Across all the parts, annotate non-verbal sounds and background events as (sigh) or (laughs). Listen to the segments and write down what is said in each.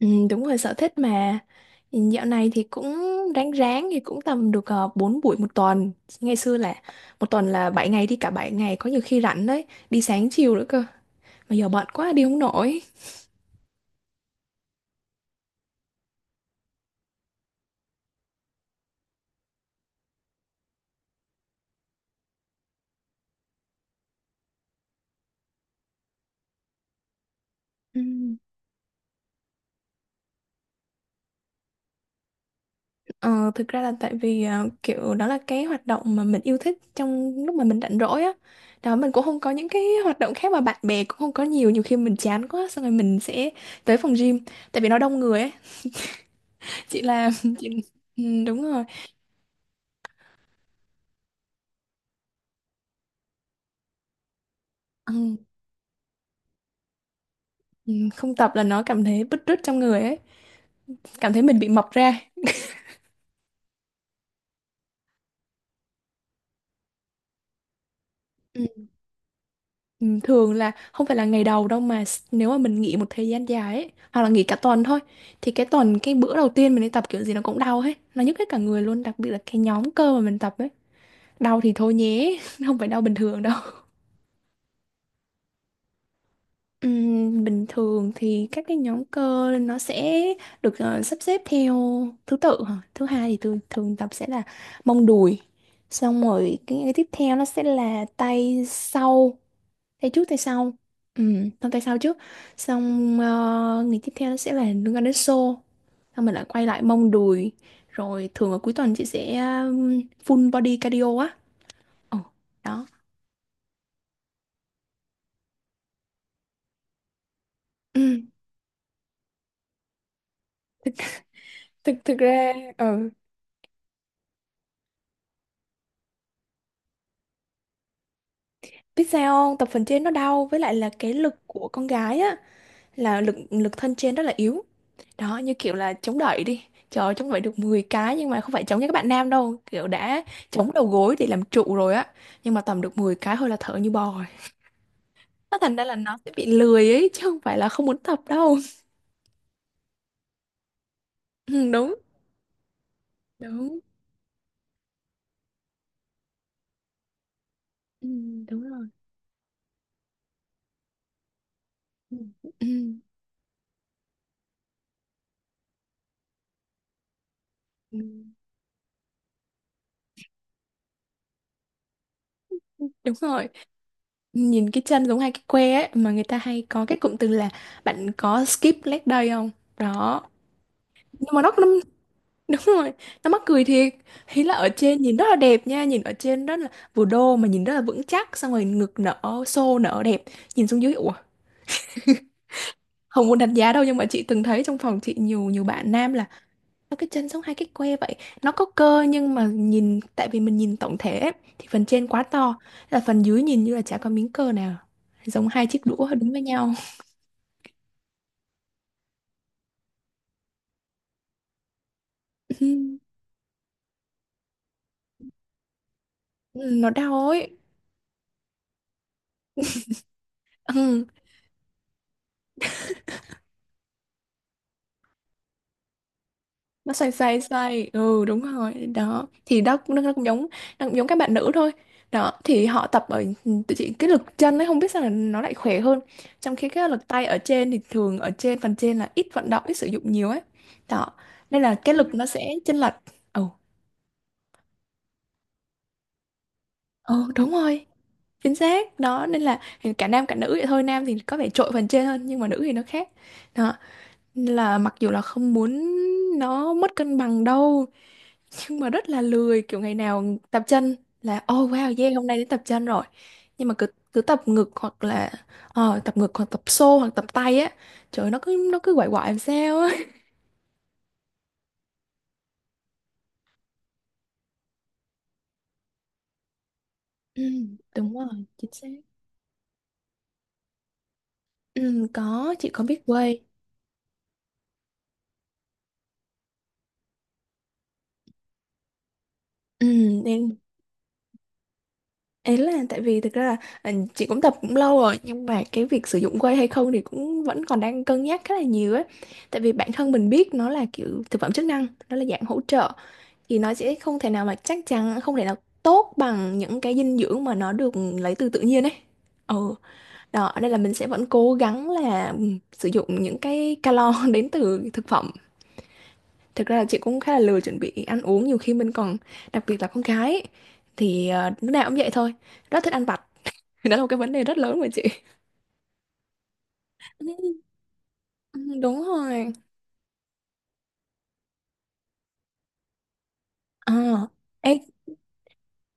Ừ, đúng rồi, sở thích mà. Ừ, dạo này thì cũng ráng ráng thì cũng tầm được 4 buổi một tuần. Ngày xưa là một tuần là 7 ngày, đi cả 7 ngày, có nhiều khi rảnh đấy, đi sáng chiều nữa cơ, mà giờ bận quá đi không nổi. Ừ. Ờ, thực ra là tại vì kiểu đó là cái hoạt động mà mình yêu thích trong lúc mà mình rảnh rỗi á. Đó, mình cũng không có những cái hoạt động khác mà bạn bè cũng không có nhiều, nhiều khi mình chán quá xong rồi mình sẽ tới phòng gym tại vì nó đông người ấy. (laughs) Chị là (laughs) chị ừ, đúng rồi. Ừ. Ừ, không tập là nó cảm thấy bứt rứt trong người ấy, cảm thấy mình bị mập ra. Ừ. Ừ, thường là không phải là ngày đầu đâu mà nếu mà mình nghỉ một thời gian dài ấy, hoặc là nghỉ cả tuần thôi, thì cái tuần cái bữa đầu tiên mình đi tập kiểu gì nó cũng đau hết, nó nhức hết cả người luôn, đặc biệt là cái nhóm cơ mà mình tập ấy. Đau thì thôi nhé, (laughs) không phải đau bình thường đâu. Bình thường thì các cái nhóm cơ nó sẽ được sắp xếp theo thứ tự hả? Thứ hai thì tôi thường tập sẽ là mông đùi, xong rồi cái tiếp theo nó sẽ là tay sau, tay trước tay sau. Tay sau trước, xong ngày tiếp theo nó sẽ là liên quan đến xô, xong mình lại quay lại mông đùi, rồi thường ở cuối tuần chị sẽ full body cardio á. Ồ, đó. Ừ. thực thực ra ừ. Biết sao không? Tập phần trên nó đau, với lại là cái lực của con gái á, là lực lực thân trên rất là yếu. Đó, như kiểu là chống đẩy đi. Trời ơi, chống đẩy được 10 cái nhưng mà không phải chống như các bạn nam đâu, kiểu đã chống đầu gối để làm trụ rồi á. Nhưng mà tầm được 10 cái thôi là thở như bò rồi. Nó thành ra là nó sẽ bị lười ấy chứ không phải là không muốn tập đâu. (laughs) Ừ, đúng, đúng. Ừ, đúng rồi. Ừ, ừ, ừ. Đúng rồi. Nhìn cái chân giống hai cái que ấy, mà người ta hay có cái cụm từ là bạn có skip leg day không? Đó, nhưng mà nó năm. (laughs) Đúng rồi, nó mắc cười thiệt. Ý là ở trên nhìn rất là đẹp nha, nhìn ở trên rất là vừa đô mà nhìn rất là vững chắc, xong rồi ngực nở xô nở đẹp, nhìn xuống dưới ủa, không muốn đánh giá đâu nhưng mà chị từng thấy trong phòng chị nhiều, nhiều bạn nam là nó cái chân giống hai cái que vậy, nó có cơ nhưng mà nhìn tại vì mình nhìn tổng thể ấy, thì phần trên quá to, là phần dưới nhìn như là chả có miếng cơ nào, giống hai chiếc đũa đứng với nhau. (laughs) Ừ, nó đau ấy. Ừ. Nó xoay xoay xoay, ừ đúng rồi, đó thì đó cũng nó cũng giống, nó cũng giống các bạn nữ thôi. Đó thì họ tập ở, tự chỉ cái lực chân ấy không biết sao là nó lại khỏe hơn, trong khi cái lực tay ở trên thì thường ở trên phần trên là ít vận động, ít sử dụng nhiều ấy. Đó, nên là cái lực nó sẽ chênh lệch. Ừ. Ừ đúng rồi, chính xác, đó nên là cả nam cả nữ vậy thôi, nam thì có vẻ trội phần trên hơn nhưng mà nữ thì nó khác. Đó. Nên là mặc dù là không muốn nó mất cân bằng đâu, nhưng mà rất là lười, kiểu ngày nào tập chân là oh wow yeah, hôm nay đến tập chân rồi. Nhưng mà cứ, cứ tập ngực hoặc là tập ngực hoặc tập xô hoặc tập tay á, trời ơi, nó cứ quậy quậy làm sao á. Ừ, đúng rồi, chính xác. Ừ, có chị có biết quay. Ừ, nên ấy là tại vì thực ra là chị cũng tập cũng lâu rồi nhưng mà cái việc sử dụng whey hay không thì cũng vẫn còn đang cân nhắc khá là nhiều ấy. Tại vì bản thân mình biết nó là kiểu thực phẩm chức năng, nó là dạng hỗ trợ, thì nó sẽ không thể nào, mà chắc chắn không thể nào tốt bằng những cái dinh dưỡng mà nó được lấy từ tự nhiên ấy. Ừ, đó nên là mình sẽ vẫn cố gắng là ừ, sử dụng những cái calo (laughs) đến từ thực phẩm. Thực ra là chị cũng khá là lười chuẩn bị ăn uống, nhiều khi mình còn, đặc biệt là con gái ấy, thì lúc nào cũng vậy thôi, rất thích ăn vặt, thì đó là một cái vấn đề rất lớn mà chị. Ừ, ừ, đúng rồi. Ờ ê,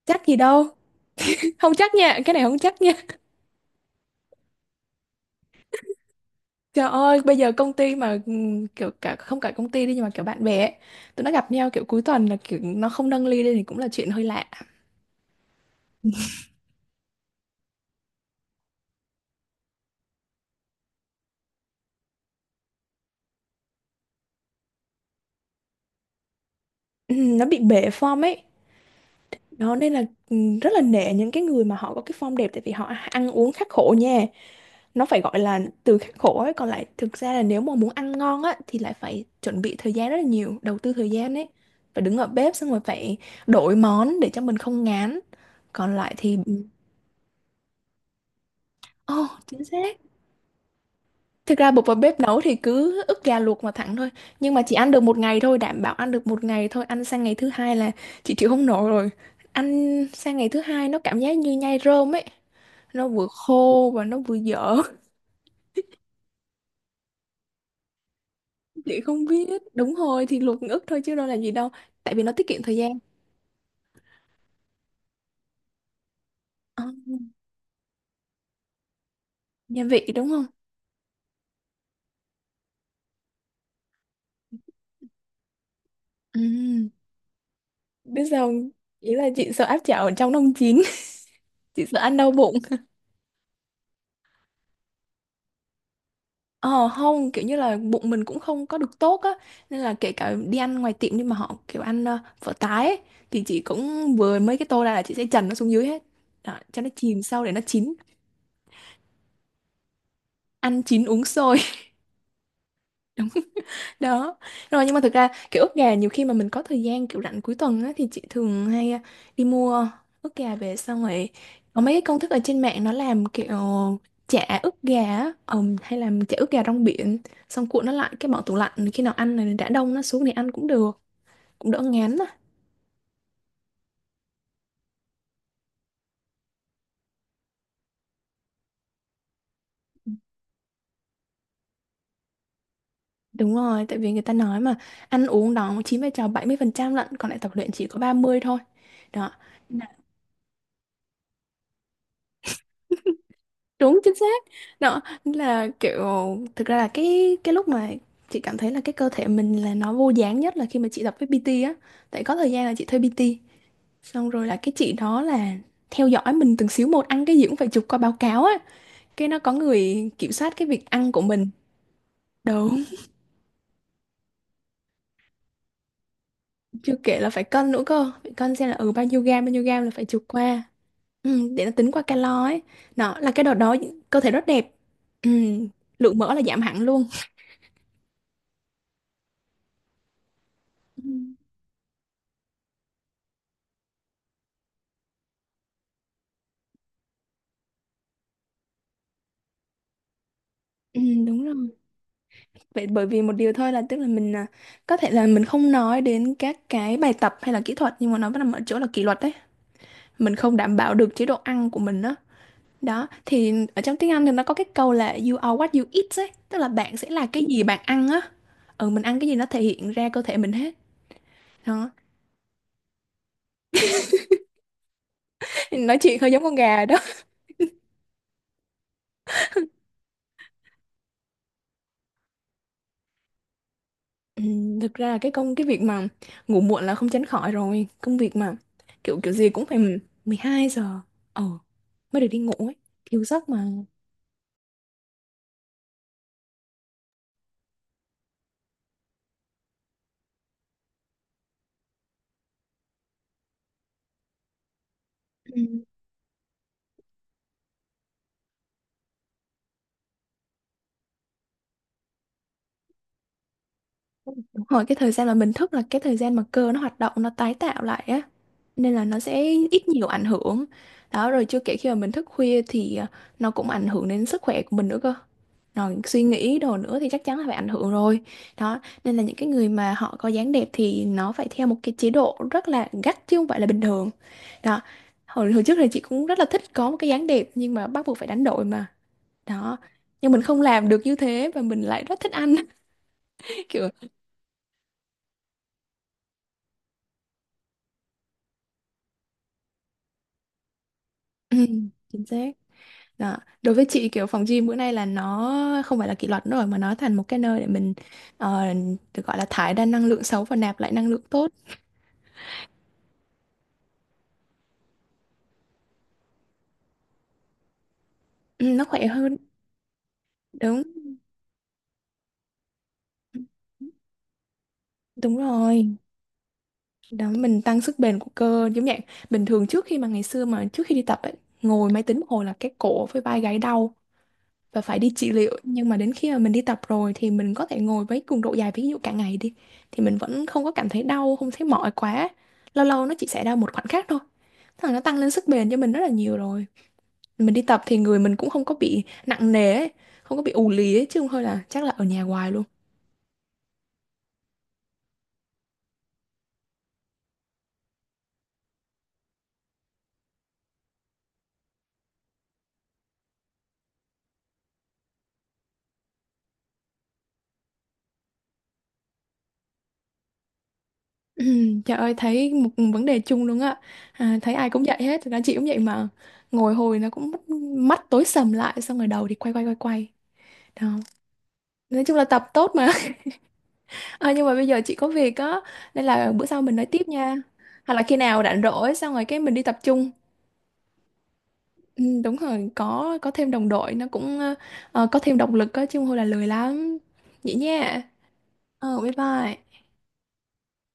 chắc gì đâu. (laughs) Không chắc nha, cái này không chắc nha. Trời ơi, bây giờ công ty mà kiểu cả không cả công ty đi, nhưng mà kiểu bạn bè ấy, tụi nó gặp nhau kiểu cuối tuần là kiểu nó không nâng ly lên thì cũng là chuyện hơi lạ. Nó bị bể form ấy. Đó nên là rất là nể những cái người mà họ có cái form đẹp, tại vì họ ăn uống khắc khổ nha, nó phải gọi là từ khắc khổ ấy. Còn lại thực ra là nếu mà muốn ăn ngon á thì lại phải chuẩn bị thời gian rất là nhiều, đầu tư thời gian ấy, phải đứng ở bếp xong rồi phải đổi món để cho mình không ngán. Còn lại thì ồ oh, chính xác. Thực ra bột vào bếp nấu thì cứ ức gà luộc mà thẳng thôi, nhưng mà chỉ ăn được một ngày thôi, đảm bảo ăn được một ngày thôi, ăn sang ngày thứ hai là chị chịu không nổi rồi. Ăn sang ngày thứ hai nó cảm giác như nhai rơm ấy, nó vừa khô và nó vừa dở. Chị không biết, đúng rồi thì luộc ức thôi chứ đâu là gì đâu, tại vì nó tiết kiệm thời gian. À, gia vị đúng không. Ừ. Biết sao không? Ý là chị sợ áp chảo ở trong nó không chín. (laughs) Chị sợ ăn đau bụng. Ờ không, kiểu như là bụng mình cũng không có được tốt á, nên là kể cả đi ăn ngoài tiệm nhưng mà họ kiểu ăn phở tái ấy, thì chị cũng vừa mấy cái tô ra là chị sẽ trần nó xuống dưới hết. Đó, cho nó chìm sâu để nó chín. Ăn chín uống sôi. Đó rồi. Nhưng mà thực ra kiểu ức gà nhiều khi mà mình có thời gian kiểu rảnh cuối tuần á, thì chị thường hay à, đi mua ức gà về, xong rồi có mấy cái công thức ở trên mạng nó làm kiểu chả ức gà á, hay làm chả ức gà rong biển, xong cuộn nó lại cái bỏ tủ lạnh, khi nào ăn này đã đông nó xuống thì ăn cũng được, cũng đỡ ngán á. Đúng rồi, tại vì người ta nói mà ăn uống đó chiếm vai trò 70% lận, còn lại tập luyện chỉ có 30 thôi. Đó. Đúng, chính xác. Đó là kiểu, thực ra là cái lúc mà chị cảm thấy là cái cơ thể mình là nó vô dáng nhất là khi mà chị tập với PT á, tại có thời gian là chị thuê PT, xong rồi là cái chị đó là theo dõi mình từng xíu một, ăn cái gì cũng phải chụp qua báo cáo á. Cái nó có người kiểm soát cái việc ăn của mình. Đúng. Chưa kể là phải cân nữa cơ, phải cân xem là ừ bao nhiêu gam, bao nhiêu gam là phải chụp qua. Ừ, để nó tính qua calo ấy. Đó là cái đợt đó cơ thể rất đẹp. Ừ, lượng mỡ là giảm hẳn luôn. Ừ, đúng rồi. Vậy, bởi vì một điều thôi, là tức là mình à, có thể là mình không nói đến các cái bài tập hay là kỹ thuật, nhưng mà nó vẫn nằm ở chỗ là kỷ luật đấy. Mình không đảm bảo được chế độ ăn của mình đó. Đó, thì ở trong tiếng Anh thì nó có cái câu là you are what you eat ấy, tức là bạn sẽ là cái gì bạn ăn á. Ừ, mình ăn cái gì nó thể hiện ra cơ thể mình hết. Đó. Nói chuyện hơi giống con gà đó. Ừ, thực ra là cái công cái việc mà ngủ muộn là không tránh khỏi rồi, công việc mà kiểu kiểu gì cũng phải 12 giờ. Ờ, mới được đi ngủ ấy, thiếu giấc mà. Ừ. Hồi cái thời gian mà mình thức là cái thời gian mà cơ nó hoạt động, nó tái tạo lại á, nên là nó sẽ ít nhiều ảnh hưởng. Đó rồi chưa kể khi mà mình thức khuya thì à, nó cũng ảnh hưởng đến sức khỏe của mình nữa cơ, rồi suy nghĩ đồ nữa thì chắc chắn là phải ảnh hưởng rồi. Đó nên là những cái người mà họ có dáng đẹp thì nó phải theo một cái chế độ rất là gắt chứ không phải là bình thường. Đó. Hồi trước thì chị cũng rất là thích có một cái dáng đẹp nhưng mà bắt buộc phải đánh đổi mà. Đó, nhưng mình không làm được như thế và mình lại rất thích ăn, (laughs) kiểu. Ừ, chính xác. Đó. Đối với chị kiểu phòng gym bữa nay là nó không phải là kỷ luật nữa rồi, mà nó thành một cái nơi để mình ờ, được gọi là thải ra năng lượng xấu và nạp lại năng lượng tốt. Ừ, nó khỏe hơn. Đúng. Đúng rồi, đó mình tăng sức bền của cơ giống vậy. Bình thường trước khi mà ngày xưa mà trước khi đi tập ấy, ngồi máy tính một hồi là cái cổ với vai gáy đau, và phải đi trị liệu, nhưng mà đến khi mà mình đi tập rồi thì mình có thể ngồi với cường độ dài, ví dụ cả ngày đi, thì mình vẫn không có cảm thấy đau, không thấy mỏi quá, lâu lâu nó chỉ xảy ra một khoảnh khắc thôi. Thế là nó tăng lên sức bền cho mình rất là nhiều rồi. Mình đi tập thì người mình cũng không có bị nặng nề ấy, không có bị ù lì ấy, chứ không thôi là chắc là ở nhà hoài luôn. (clears throat) Trời ơi, thấy một vấn đề chung luôn á. À, thấy ai cũng vậy hết, thực ra chị cũng vậy mà, ngồi hồi nó cũng mắt, tối sầm lại, xong rồi đầu thì quay quay quay quay. Đó. Nói chung là tập tốt mà. Ờ, nhưng mà bây giờ chị có việc á, nên là bữa sau mình nói tiếp nha, hoặc là khi nào rảnh rỗi xong rồi cái mình đi tập trung. Ừ, đúng rồi, có thêm đồng đội nó cũng ờ, có thêm động lực á chứ không thôi là lười lắm. Vậy nha. Ờ bye bye.